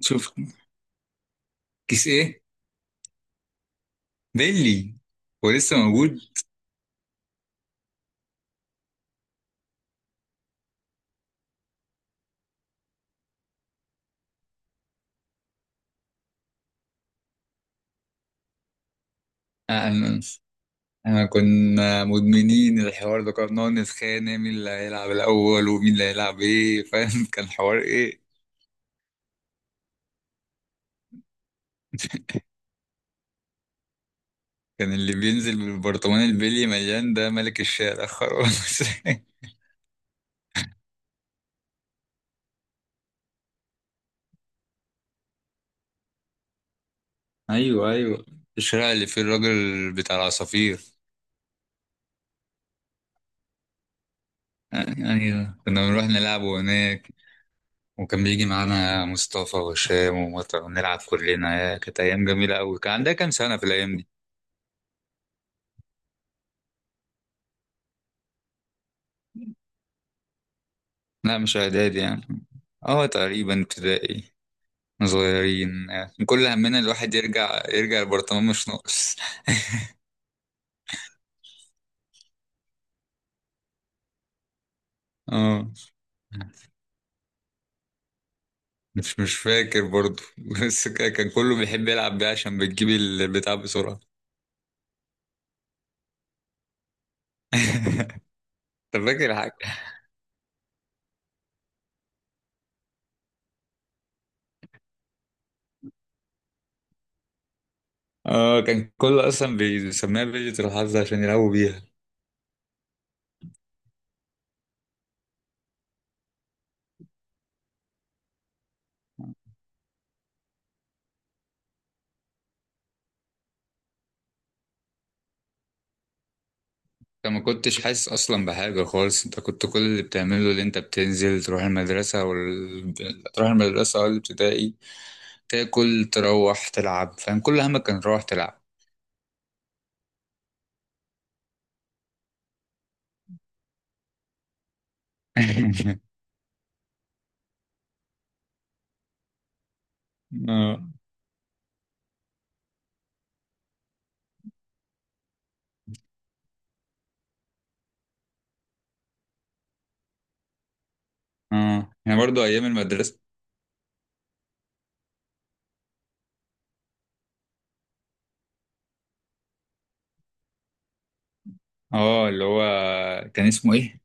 شوف، كيس ايه؟ بيلي؟ هو لسه موجود؟ آه، انا كنا مدمنين الحوار ده. كنا بنقعد نتخانق مين اللي هيلعب الاول ومين اللي هيلعب ايه فاهم. كان حوار ايه. كان اللي بينزل بالبرطمان البيلي مليان ده ملك الشارع خلاص. ايوه، ايوه، الشارع اللي فيه الراجل بتاع العصافير. ايوه، كنا بنروح نلعبه هناك، وكان بيجي معانا مصطفى وهشام ومطر ونلعب كلنا. يا كانت ايام جميله قوي. كان عندها كام سنه في الايام دي؟ لا مش اعدادي يعني، اه تقريبا ابتدائي. صغيرين يعني، كل همنا الواحد يرجع البرطمان مش ناقص. اه، مش فاكر برضو. بس كان كله بيحب يلعب بيها عشان بتجيب البتاع بسرعة. انت فاكر حاجة؟ اه، كان كله اصلا بيسميها بيجة الحظ عشان يلعبوا بيها. انت ما كنتش حاسس اصلا بحاجة خالص، انت كنت كل اللي بتعمله اللي انت بتنزل تروح المدرسة تروح المدرسة او الابتدائي، تاكل، تروح تلعب فاهم. كل همك كان تروح تلعب. اه، اه يعني برضو ايام المدرسه. اه اللي هو، كان اسمه ايه؟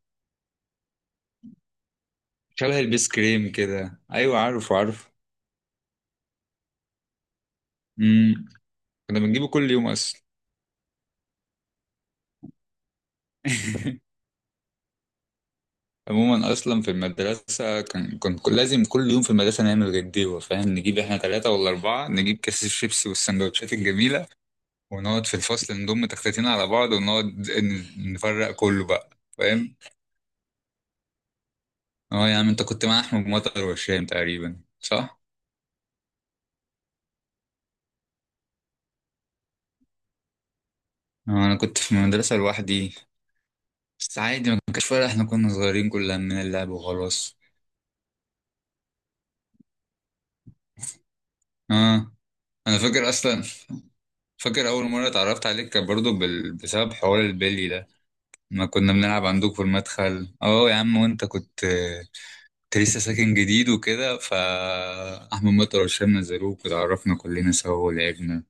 شبه البيس كريم كده، ايوه عارفه عارفه. امم، كنا بنجيبه كل يوم اصلا. عموما اصلا في المدرسه، لازم كل يوم في المدرسه نعمل غديوه فاهم. نجيب احنا ثلاثه ولا اربعه، نجيب كيس الشيبسي والسندوتشات الجميله، ونقعد في الفصل، نضم تختتين على بعض، ونقعد نفرق كله بقى فاهم. اه يا عم، انت كنت مع احمد مطر وهشام تقريبا صح؟ اه انا كنت في المدرسة لوحدي. بس عادي، ما كانش فارق، احنا كنا صغيرين كل همنا اللعب وخلاص. اه انا فاكر اصلا، فاكر اول مرة اتعرفت عليك، كان برضه بسبب حوار البلي ده. ما كنا بنلعب عندك في المدخل اه يا عم، وانت كنت، كنت لسه ساكن جديد وكده، ف احمد مطر وهشام نزلوك وتعرفنا كلنا سوا ولعبنا.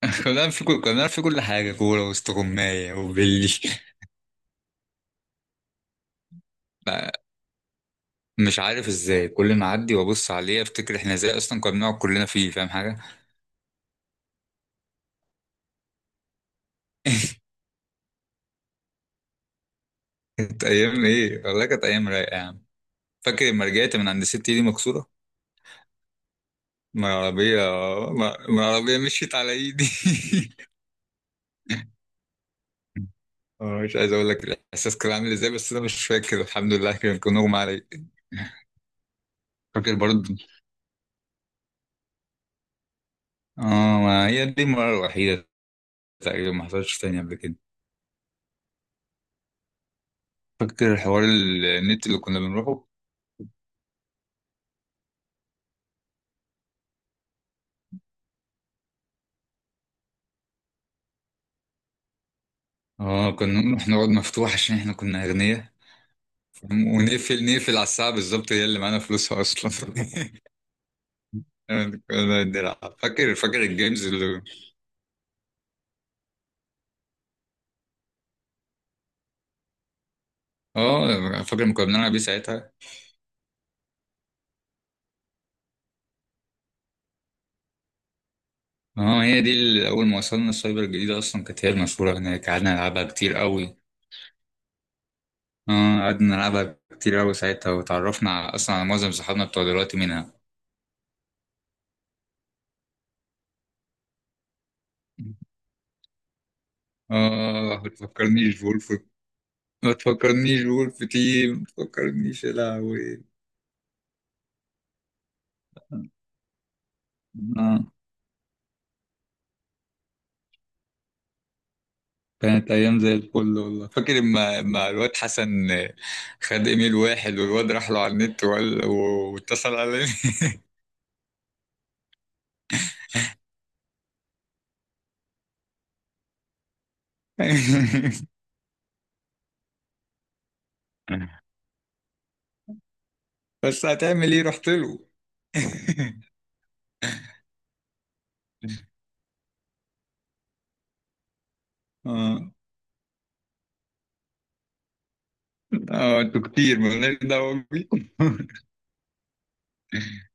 كنا بنعرف في كل حاجة، كورة واستغماية وبلي. مش عارف ازاي كل ما اعدي وابص عليه افتكر احنا ازاي اصلا كنا بنقعد كلنا فيه فاهم حاجه. كانت ايام ايه والله، كانت ايام رايقه يا عم. فاكر لما رجعت من عند ست ايدي مكسوره؟ ما العربيه، ما العربيه مشيت على ايدي. اه، مش عايز اقول لك الاحساس كان عامل ازاي، بس انا مش فاكر الحمد لله، كان اغمى علي. فاكر برضه، اه ما هي دي المره الوحيده، تقريبا ما حصلش تاني قبل كده. فاكر حوار النت اللي كنا بنروحه؟ اه، كنا بنروح نقعد مفتوح عشان احنا كنا اغنياء، ونقفل، نقفل على الساعة بالظبط هي اللي معانا فلوسها أصلا. كنا بنلعب، فاكر الجيمز اللي، اه فاكر لما كنا بنلعب بيه ساعتها. اه هي دي اللي أول ما وصلنا السايبر الجديدة أصلا كانت هي المشهورة هناك، قعدنا نلعبها كتير قوي. اه قعدنا نلعبها كتير قوي ساعتها، وتعرفنا على- أصلا على معظم صحابنا بتوع دلوقتي منها. اه ما تفكرنيش بولف تيم، ما تفكرنيش يا لهوي. آه. كانت ايام زي الفل والله. فاكر اما الواد حسن خد ايميل واحد، والواد راح له على النت واتصل على. بس هتعمل ايه، رحت له. اه، اه انتوا كتير مالناش دعوه بيكم.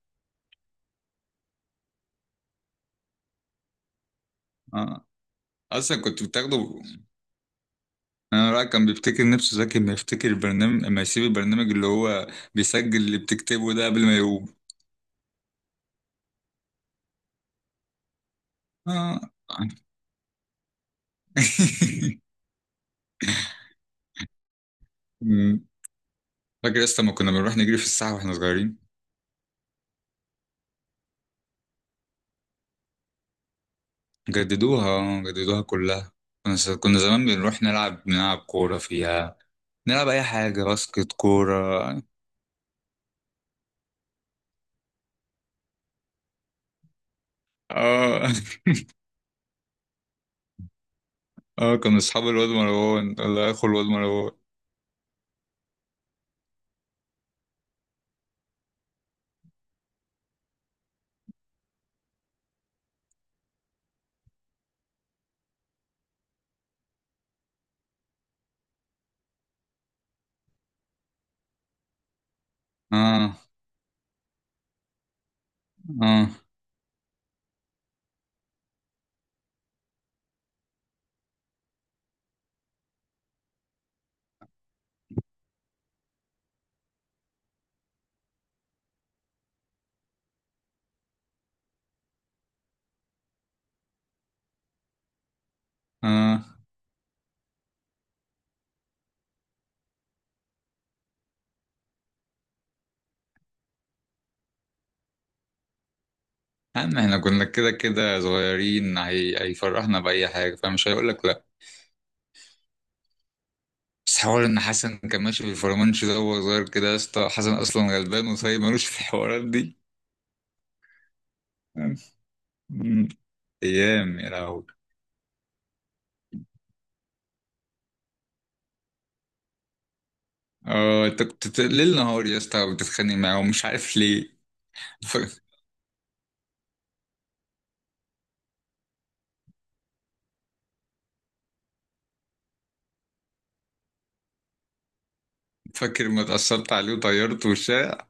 اه، اصلا كنت بتاخده. انا رأيي كان بيفتكر نفسه ذكي، ما يفتكر البرنامج، ما يسيب البرنامج اللي هو بيسجل اللي بتكتبه ده قبل ما يقوم. اه. فاكر يا اسطى ما كنا بنروح نجري في الساحة واحنا صغيرين؟ جددوها، جددوها كلها. كنا زمان بنروح نلعب كورة فيها، نلعب أي حاجة، باسكت، كورة. اه. اه كنا أصحاب الواد مروان ولا أخو الواد مروان. اه، اه، اه يا عم احنا كنا كده كده صغيرين، هيفرحنا بأي حاجة فمش هيقولك لأ. بس حوار إن حسن كان ماشي في الفرمانش ده وهو صغير كده، يا اسطى حسن أصلا غلبان وصايب ملوش في الحوارات دي. أمم. أيام يا لهوي. اه انت كنت ليل نهار يا اسطى بتتخانق معاه ومش عارف ليه. ف... فاكر ما اتأثرت عليه وطيرته وشاع.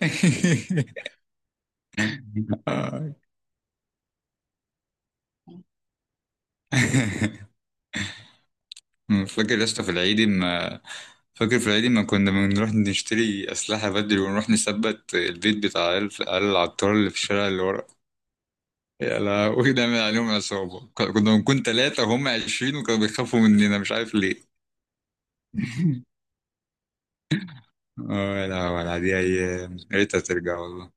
آه. فاكر يا اسطى في العيد ما، فاكر في العيد ما كنا بنروح نشتري أسلحة بدري، ونروح نثبت البيت بتاع عيال، عيال العطار اللي في الشارع اللي ورا. يا لهوي نعمل عليهم عصابة، كنا، كنا بنكون تلاتة وهم عشرين، وكانوا بيخافوا مننا مش عارف ليه. اه لا، ولا دي أيام يا ريتها ترجع والله.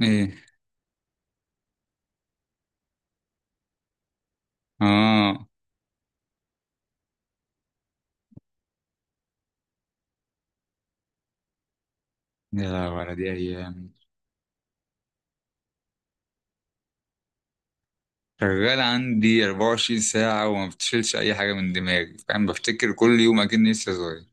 ايه؟ اه يا لهوي على دي أيام. شغال عندي 24 ساعة وما بتشيلش أي حاجة من دماغي فاهم، بفتكر كل يوم أكني لسه صغير.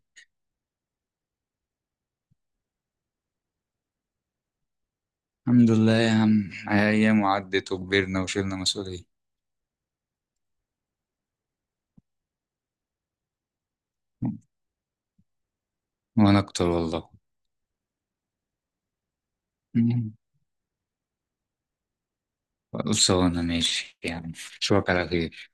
الحمد لله يا عم، أيام وعدت، وكبرنا، وشلنا مسؤولية. وأنا أكتر والله. مم. خلصانة ماشي يعني. أشوفك على خير.